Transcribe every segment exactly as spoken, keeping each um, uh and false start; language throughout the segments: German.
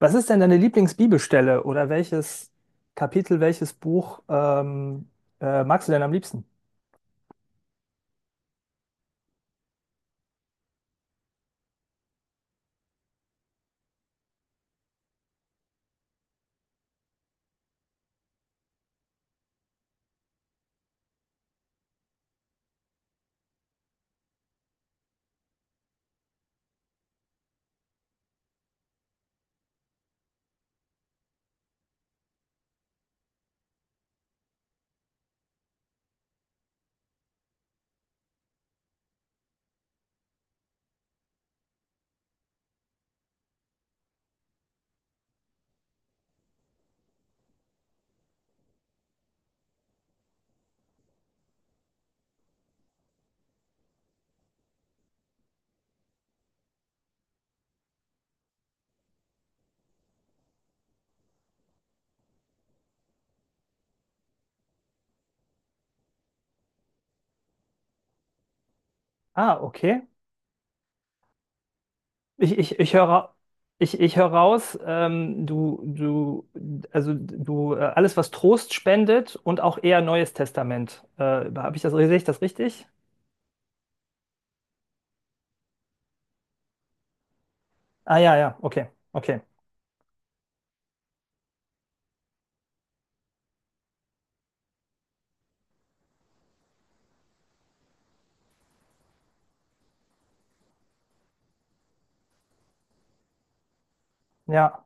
Was ist denn deine Lieblingsbibelstelle oder welches Kapitel, welches Buch ähm, äh, magst du denn am liebsten? Ah, okay. Ich, ich, ich höre, ich, ich höre raus, ähm, du, du, also du, äh, alles, was Trost spendet und auch eher Neues Testament. Äh, habe ich das, sehe ich das richtig? Ah, ja, ja, okay, okay. Ja.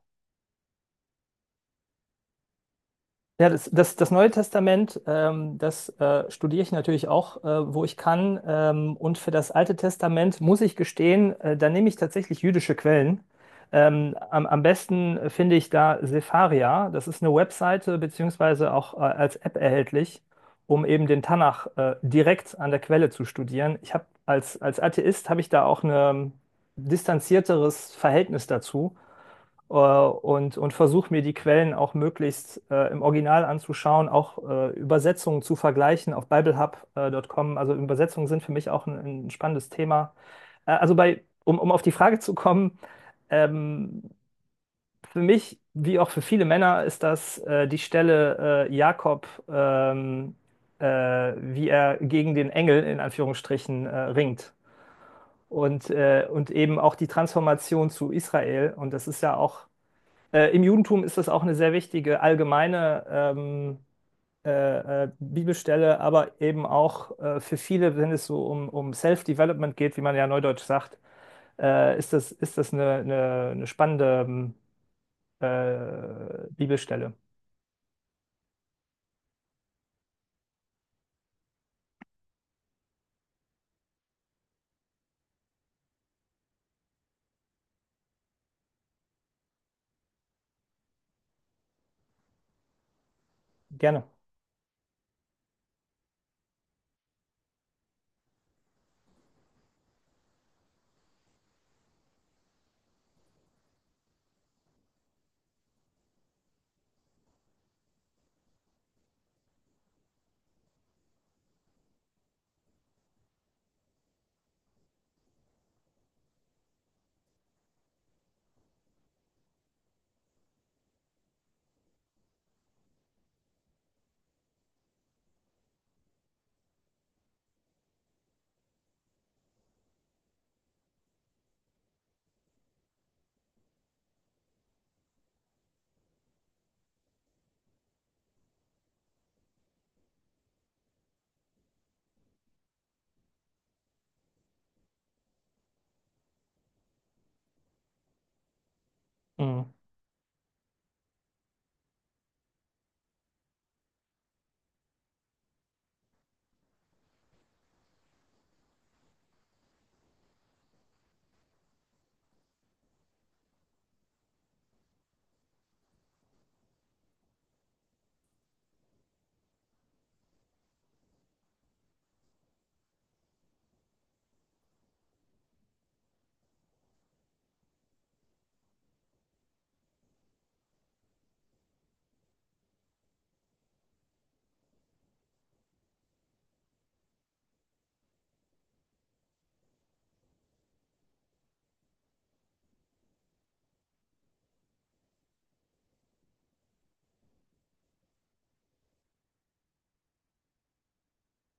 Ja, das, das, das Neue Testament, ähm, das äh, studiere ich natürlich auch, äh, wo ich kann. Ähm, und für das Alte Testament muss ich gestehen, äh, da nehme ich tatsächlich jüdische Quellen. Ähm, am, am besten äh, finde ich da Sepharia. Das ist eine Webseite beziehungsweise auch äh, als App erhältlich, um eben den Tanach äh, direkt an der Quelle zu studieren. Ich habe als, als Atheist habe ich da auch ein distanzierteres Verhältnis dazu äh, und, und versuche mir die Quellen auch möglichst äh, im Original anzuschauen, auch äh, Übersetzungen zu vergleichen auf bible hub punkt com. Also Übersetzungen sind für mich auch ein, ein spannendes Thema. Äh, also bei, um, um auf die Frage zu kommen, ähm, für mich, wie auch für viele Männer, ist das äh, die Stelle äh, Jakob, ähm, äh, wie er gegen den Engel in Anführungsstrichen äh, ringt. Und, äh, und eben auch die Transformation zu Israel. Und das ist ja auch äh, im Judentum ist das auch eine sehr wichtige allgemeine ähm, äh, äh, Bibelstelle, aber eben auch äh, für viele, wenn es so um, um Self-Development geht, wie man ja neudeutsch sagt, äh, ist das, ist das eine, eine, eine spannende ähm, äh, Bibelstelle. Gerne. Mhm.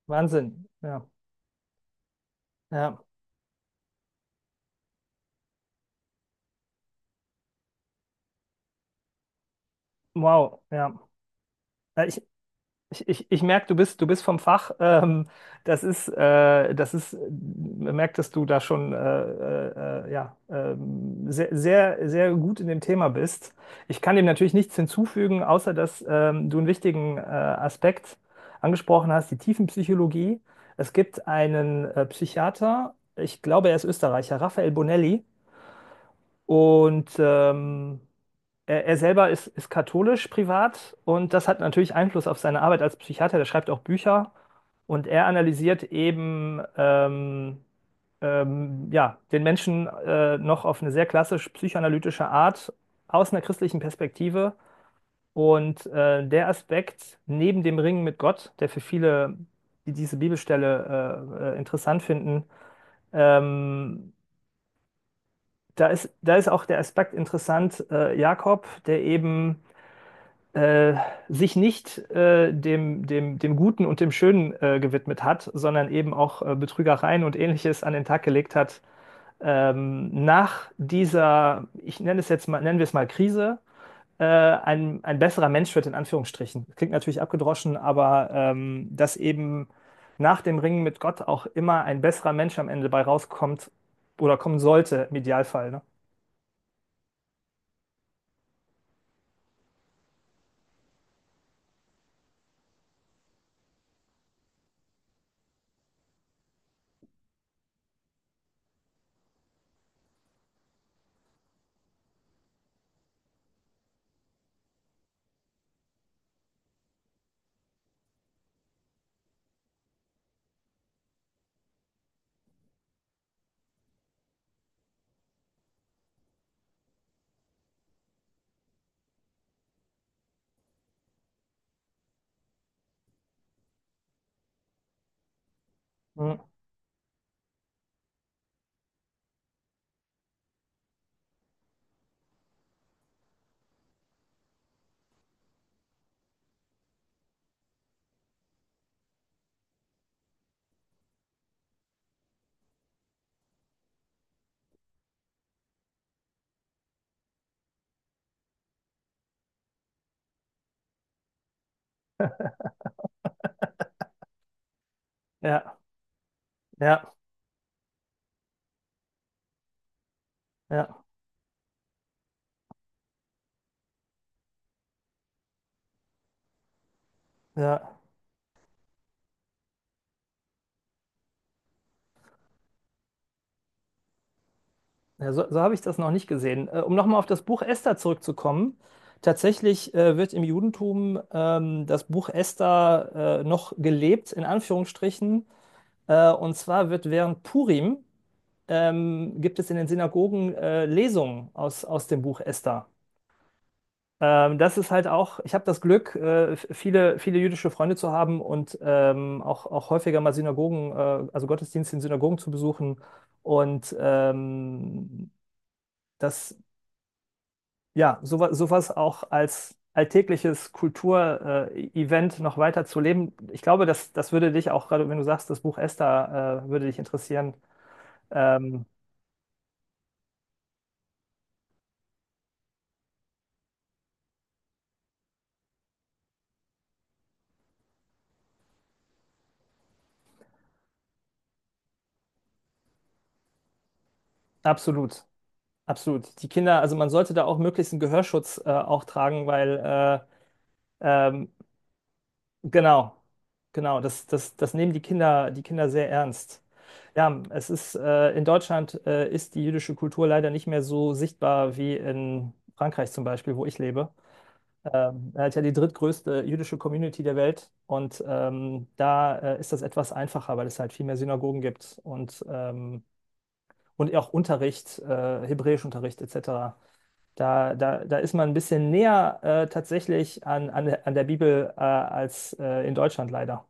Wahnsinn. Ja. Ja. Wow. Ja. Äh, Ich, Ich, ich, ich merke, du bist, du bist vom Fach. Ähm, das ist, äh, das ist, man merkt, dass du da schon äh, äh, äh, ja, ähm, sehr, sehr, sehr gut in dem Thema bist. Ich kann dem natürlich nichts hinzufügen, außer dass ähm, du einen wichtigen äh, Aspekt angesprochen hast, die Tiefenpsychologie. Es gibt einen äh, Psychiater, ich glaube, er ist Österreicher, Raphael Bonelli. Und ähm, er, er selber ist, ist katholisch privat und das hat natürlich Einfluss auf seine Arbeit als Psychiater. Der schreibt auch Bücher und er analysiert eben ähm, ähm, ja, den Menschen äh, noch auf eine sehr klassisch psychoanalytische Art aus einer christlichen Perspektive. Und äh, der Aspekt neben dem Ringen mit Gott, der für viele, die diese Bibelstelle äh, äh, interessant finden, ähm, da ist, da ist auch der Aspekt interessant, äh, Jakob, der eben äh, sich nicht äh, dem, dem, dem Guten und dem Schönen äh, gewidmet hat, sondern eben auch äh, Betrügereien und Ähnliches an den Tag gelegt hat. Ähm, nach dieser, ich nenne es jetzt mal, nennen wir es mal Krise, äh, ein, ein besserer Mensch wird in Anführungsstrichen. Klingt natürlich abgedroschen, aber ähm, dass eben nach dem Ringen mit Gott auch immer ein besserer Mensch am Ende bei rauskommt oder kommen sollte, im Idealfall. Ne? Mhm. Ja, ja, ja, ja. Ja, so so habe ich das noch nicht gesehen. Äh, um nochmal auf das Buch Esther zurückzukommen. Tatsächlich äh, wird im Judentum ähm, das Buch Esther äh, noch gelebt, in Anführungsstrichen. Äh, und zwar wird während Purim ähm, gibt es in den Synagogen äh, Lesungen aus, aus dem Buch Esther. Ähm, das ist halt auch, ich habe das Glück, äh, f- viele, viele jüdische Freunde zu haben und ähm, auch, auch häufiger mal Synagogen, äh, also Gottesdienste in Synagogen zu besuchen. Und ähm, das ja, sowas, sowas auch als alltägliches Kulturevent noch weiter zu leben. Ich glaube, das, das würde dich auch, gerade wenn du sagst, das Buch Esther, äh, würde dich interessieren. Ähm, absolut, absolut. Die Kinder, also man sollte da auch möglichst einen Gehörschutz äh, auch tragen, weil äh, ähm, genau, genau, das, das, das nehmen die Kinder, die Kinder sehr ernst. Ja, es ist äh, in Deutschland äh, ist die jüdische Kultur leider nicht mehr so sichtbar wie in Frankreich zum Beispiel, wo ich lebe. Ähm, er hat ja die drittgrößte jüdische Community der Welt und ähm, da äh, ist das etwas einfacher, weil es halt viel mehr Synagogen gibt und, ähm, und auch Unterricht, äh, Hebräischunterricht et cetera. Da, da, da ist man ein bisschen näher äh, tatsächlich an, an, an der Bibel äh, als äh, in Deutschland leider.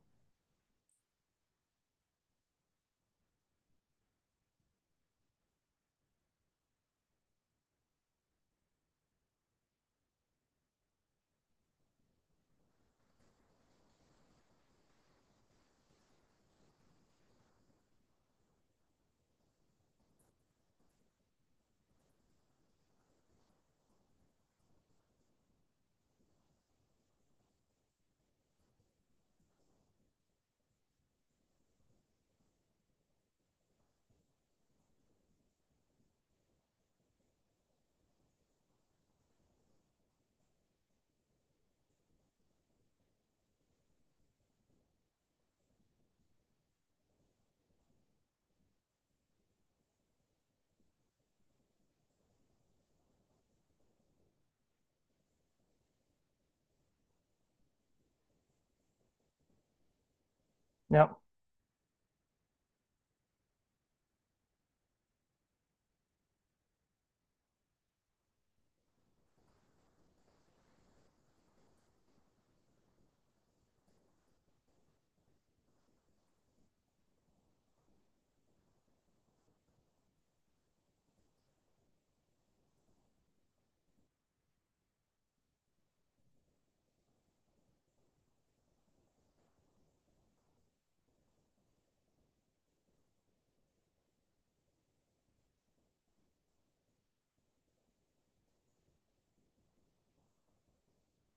Ja,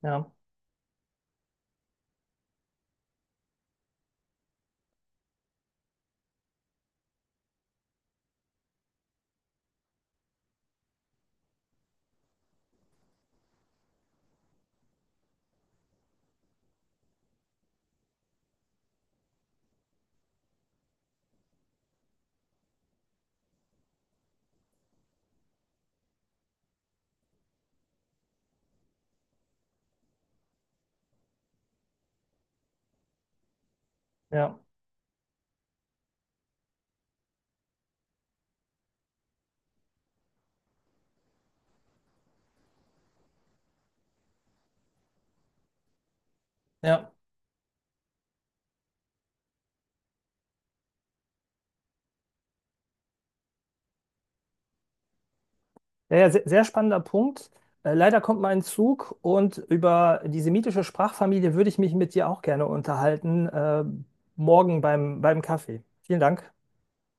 ja, ja, ja. Ja, ja, sehr, sehr spannender Punkt. Äh, Leider kommt mein Zug und über die semitische Sprachfamilie würde ich mich mit dir auch gerne unterhalten, äh, morgen beim, beim Kaffee. Vielen Dank.